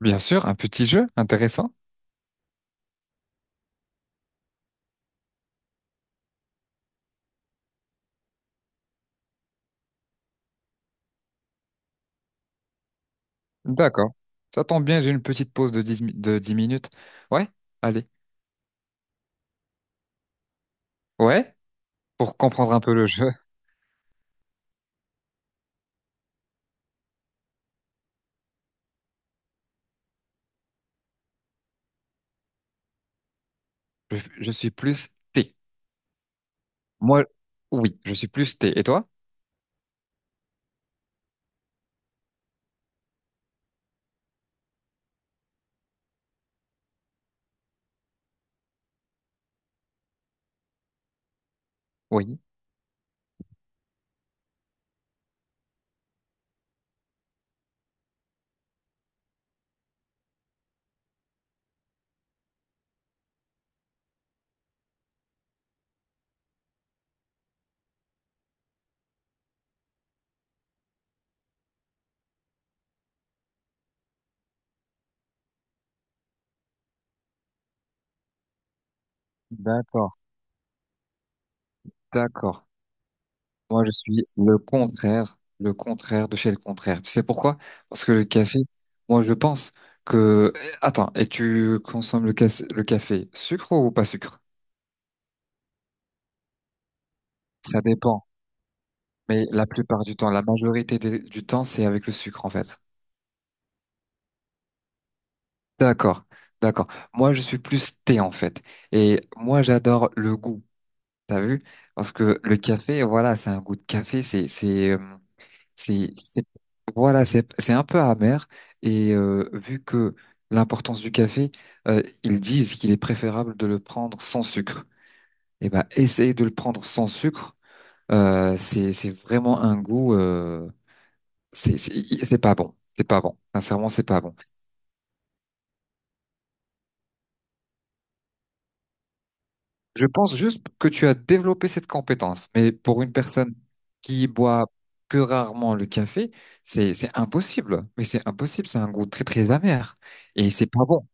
Bien sûr, un petit jeu intéressant. D'accord. Ça tombe bien, j'ai une petite pause de 10 minutes. Ouais, allez. Ouais, pour comprendre un peu le jeu, je suis plus T. Moi, oui, je suis plus T. Et toi? Oui. D'accord, d'accord. Moi, je suis le contraire de chez le contraire. Tu sais pourquoi? Parce que le café, moi, je pense que... Attends, et tu consommes le café sucre ou pas sucre? Ça dépend. Mais la plupart du temps, la majorité du temps, c'est avec le sucre en fait. D'accord, d'accord. Moi, je suis plus thé en fait. Et moi, j'adore le goût. T'as vu? Parce que le café, voilà, c'est un goût de café. C'est, c'est- voilà, c'est un peu amer. Et vu que l'importance du café, ils disent qu'il est préférable de le prendre sans sucre. Eh ben, essayer de le prendre sans sucre, c'est vraiment un goût. C'est pas bon. C'est pas bon. Sincèrement, c'est pas bon. Je pense juste que tu as développé cette compétence, mais pour une personne qui boit que rarement le café, c'est impossible. Mais c'est impossible. C'est un goût très très amer et c'est pas bon.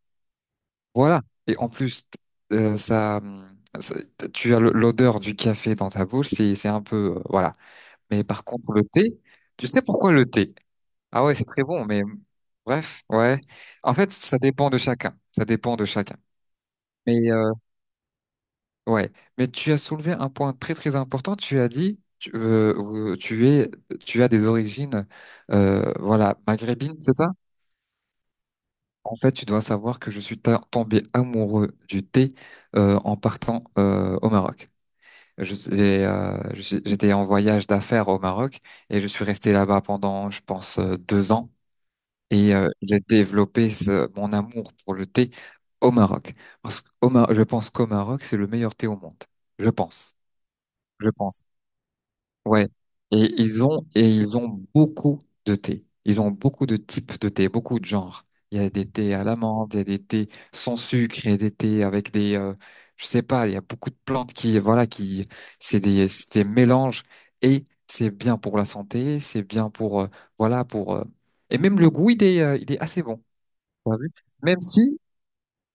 Voilà. Et en plus, euh, ça, hum, ça- tu as l'odeur du café dans ta bouche. C'est un peu voilà. Mais par contre, le thé, tu sais pourquoi le thé? Ah ouais, c'est très bon. Mais bref, ouais. En fait, ça dépend de chacun. Ça dépend de chacun. Mais ouais, mais tu as soulevé un point très très important. Tu as dit, euh, tu es, tu as des origines, voilà, maghrébines, c'est ça? En fait, tu dois savoir que je suis tombé amoureux du thé en partant au Maroc. J'étais en voyage d'affaires au Maroc et je suis resté là-bas pendant, je pense, 2 ans et j'ai développé mon amour pour le thé au Maroc. Je pense qu'au Maroc, c'est le meilleur thé au monde. Je pense. Je pense. Ouais. Et ils ont beaucoup de thé. Ils ont beaucoup de types de thé, beaucoup de genres. Il y a des thés à l'amande, il y a des thés sans sucre, il y a des thés avec des, je sais pas, il y a beaucoup de plantes qui, voilà, qui, c'est des mélanges et c'est bien pour la santé, c'est bien pour, voilà, pour, et même le goût, il est assez bon. T'as vu? Même si,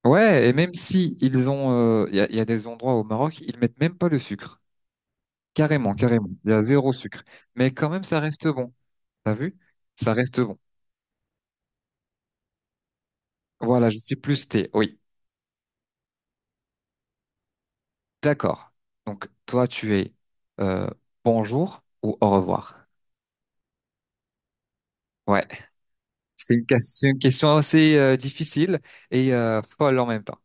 ouais, et même si ils ont, il y a des endroits au Maroc, ils mettent même pas le sucre. Carrément, carrément. Il y a zéro sucre. Mais quand même, ça reste bon. T'as vu? Ça reste bon. Voilà, je suis plus thé. Oui, d'accord. Donc, toi, tu es euh, bonjour ou au revoir? Ouais. C'est une question assez difficile et folle en même temps.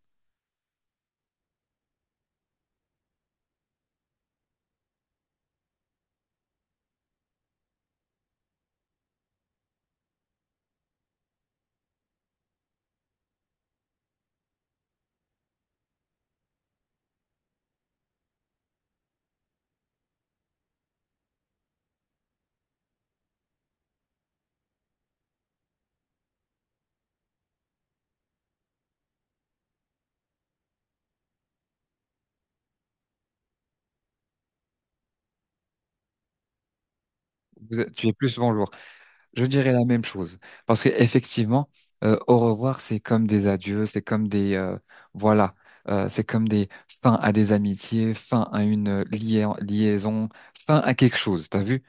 Tu es plus bonjour. Je dirais la même chose. Parce que effectivement, au revoir, c'est comme des adieux, c'est comme des voilà, c'est comme des fins à des amitiés, fin à une liaison, fin à quelque chose. T'as vu?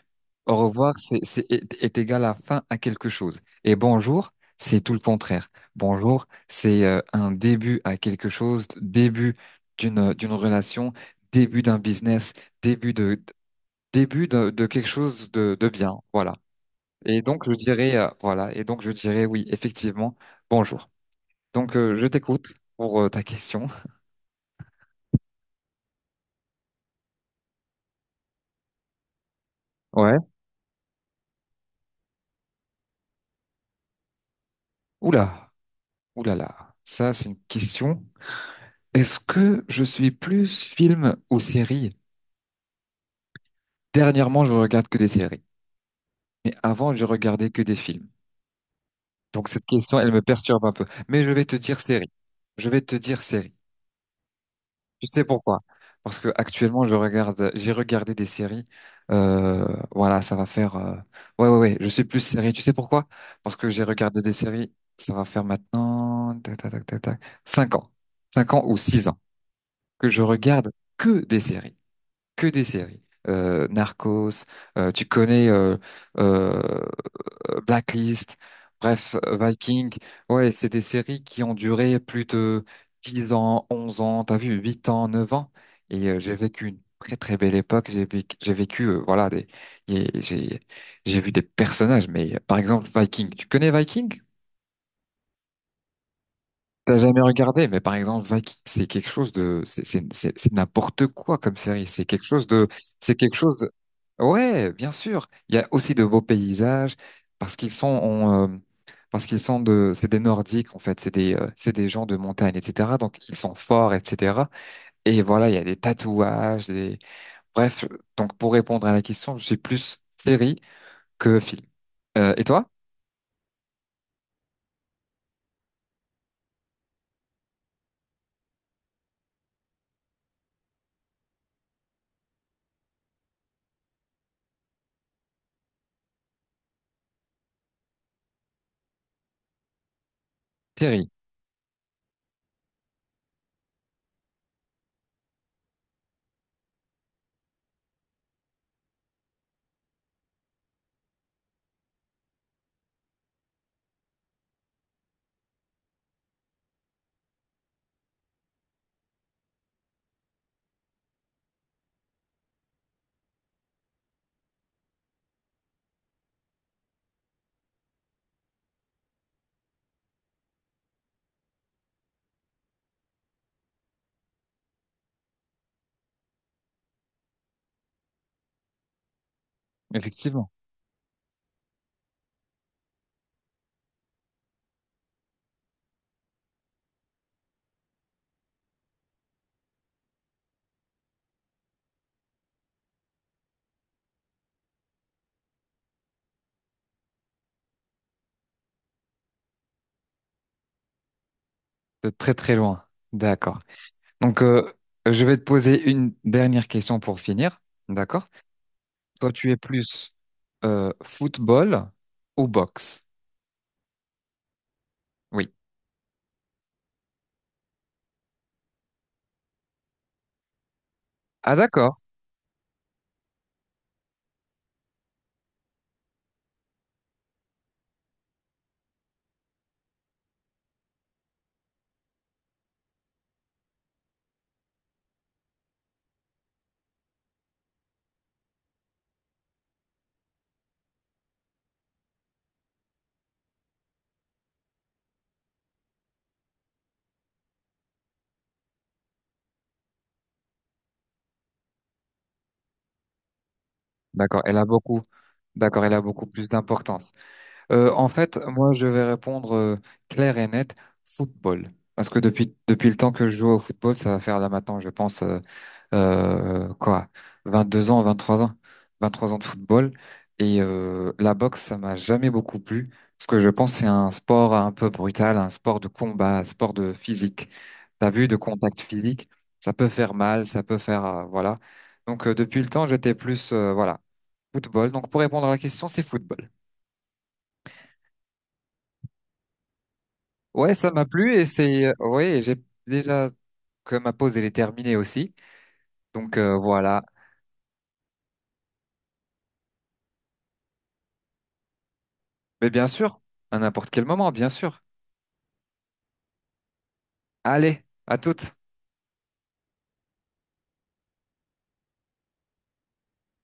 Au revoir, c'est est, est égal à fin à quelque chose. Et bonjour, c'est tout le contraire. Bonjour, c'est un début à quelque chose, début d'une d'une relation, début d'un business, début de début de quelque chose de bien. Voilà. Et donc, je dirais, voilà, et donc je dirais oui, effectivement, bonjour. Donc, je t'écoute pour ta question. Ouais. Oula, oula là ça c'est une question. Est-ce que je suis plus film ou série? Dernièrement, je regarde que des séries, mais avant, je regardais que des films. Donc, cette question, elle me perturbe un peu. Mais je vais te dire série. Je vais te dire série. Tu sais pourquoi? Parce que actuellement, je regarde, j'ai regardé des séries. euh, voilà, ça va faire. Ouais, ouais, ouais. Je suis plus série. Tu sais pourquoi? Parce que j'ai regardé des séries. Ça va faire maintenant, tac, tac, tac, tac, tac, 5 ans ou 6 ans que je regarde que des séries, que des séries. Narcos. Tu connais euh, Blacklist, bref, Viking. Ouais, c'est des séries qui ont duré plus de 10 ans, 11 ans, t'as vu, 8 ans, 9 ans. Et j'ai vécu une très très belle époque. Voilà, des, et j'ai vu des personnages. Mais par exemple, Viking. Tu connais Viking? T'as jamais regardé, mais par exemple, Vikings, c'est quelque chose de, c'est n'importe quoi comme série. C'est quelque chose de, ouais, bien sûr. Il y a aussi de beaux paysages parce qu'ils sont, en, parce qu'ils sont de, c'est des Nordiques en fait, c'est des gens de montagne, etc. Donc ils sont forts, etc. Et voilà, il y a des tatouages, des, bref. Donc pour répondre à la question, je suis plus série que film. Et toi? Série, effectivement, de très très loin. D'accord. Donc, je vais te poser une dernière question pour finir. D'accord? Toi, tu es plus football ou boxe? Oui. Ah, d'accord. D'accord. Elle a beaucoup. D'accord. Elle a beaucoup plus d'importance. En fait, moi, je vais répondre clair et net, football. Parce que depuis, depuis le temps que je joue au football, ça va faire là maintenant, je pense, quoi, 22 ans, 23 ans de football. Et la boxe, ça m'a jamais beaucoup plu. Parce que je pense que c'est un sport un peu brutal, un sport de combat, un sport de physique. T'as vu, de contact physique, ça peut faire mal, ça peut faire, voilà. Donc, depuis le temps, j'étais plus, voilà, football. Donc, pour répondre à la question, c'est football. Ouais, ça m'a plu et c'est ouais, et j'ai déjà que ma pause elle est terminée aussi. Donc voilà. Mais bien sûr, à n'importe quel moment, bien sûr. Allez, à toutes.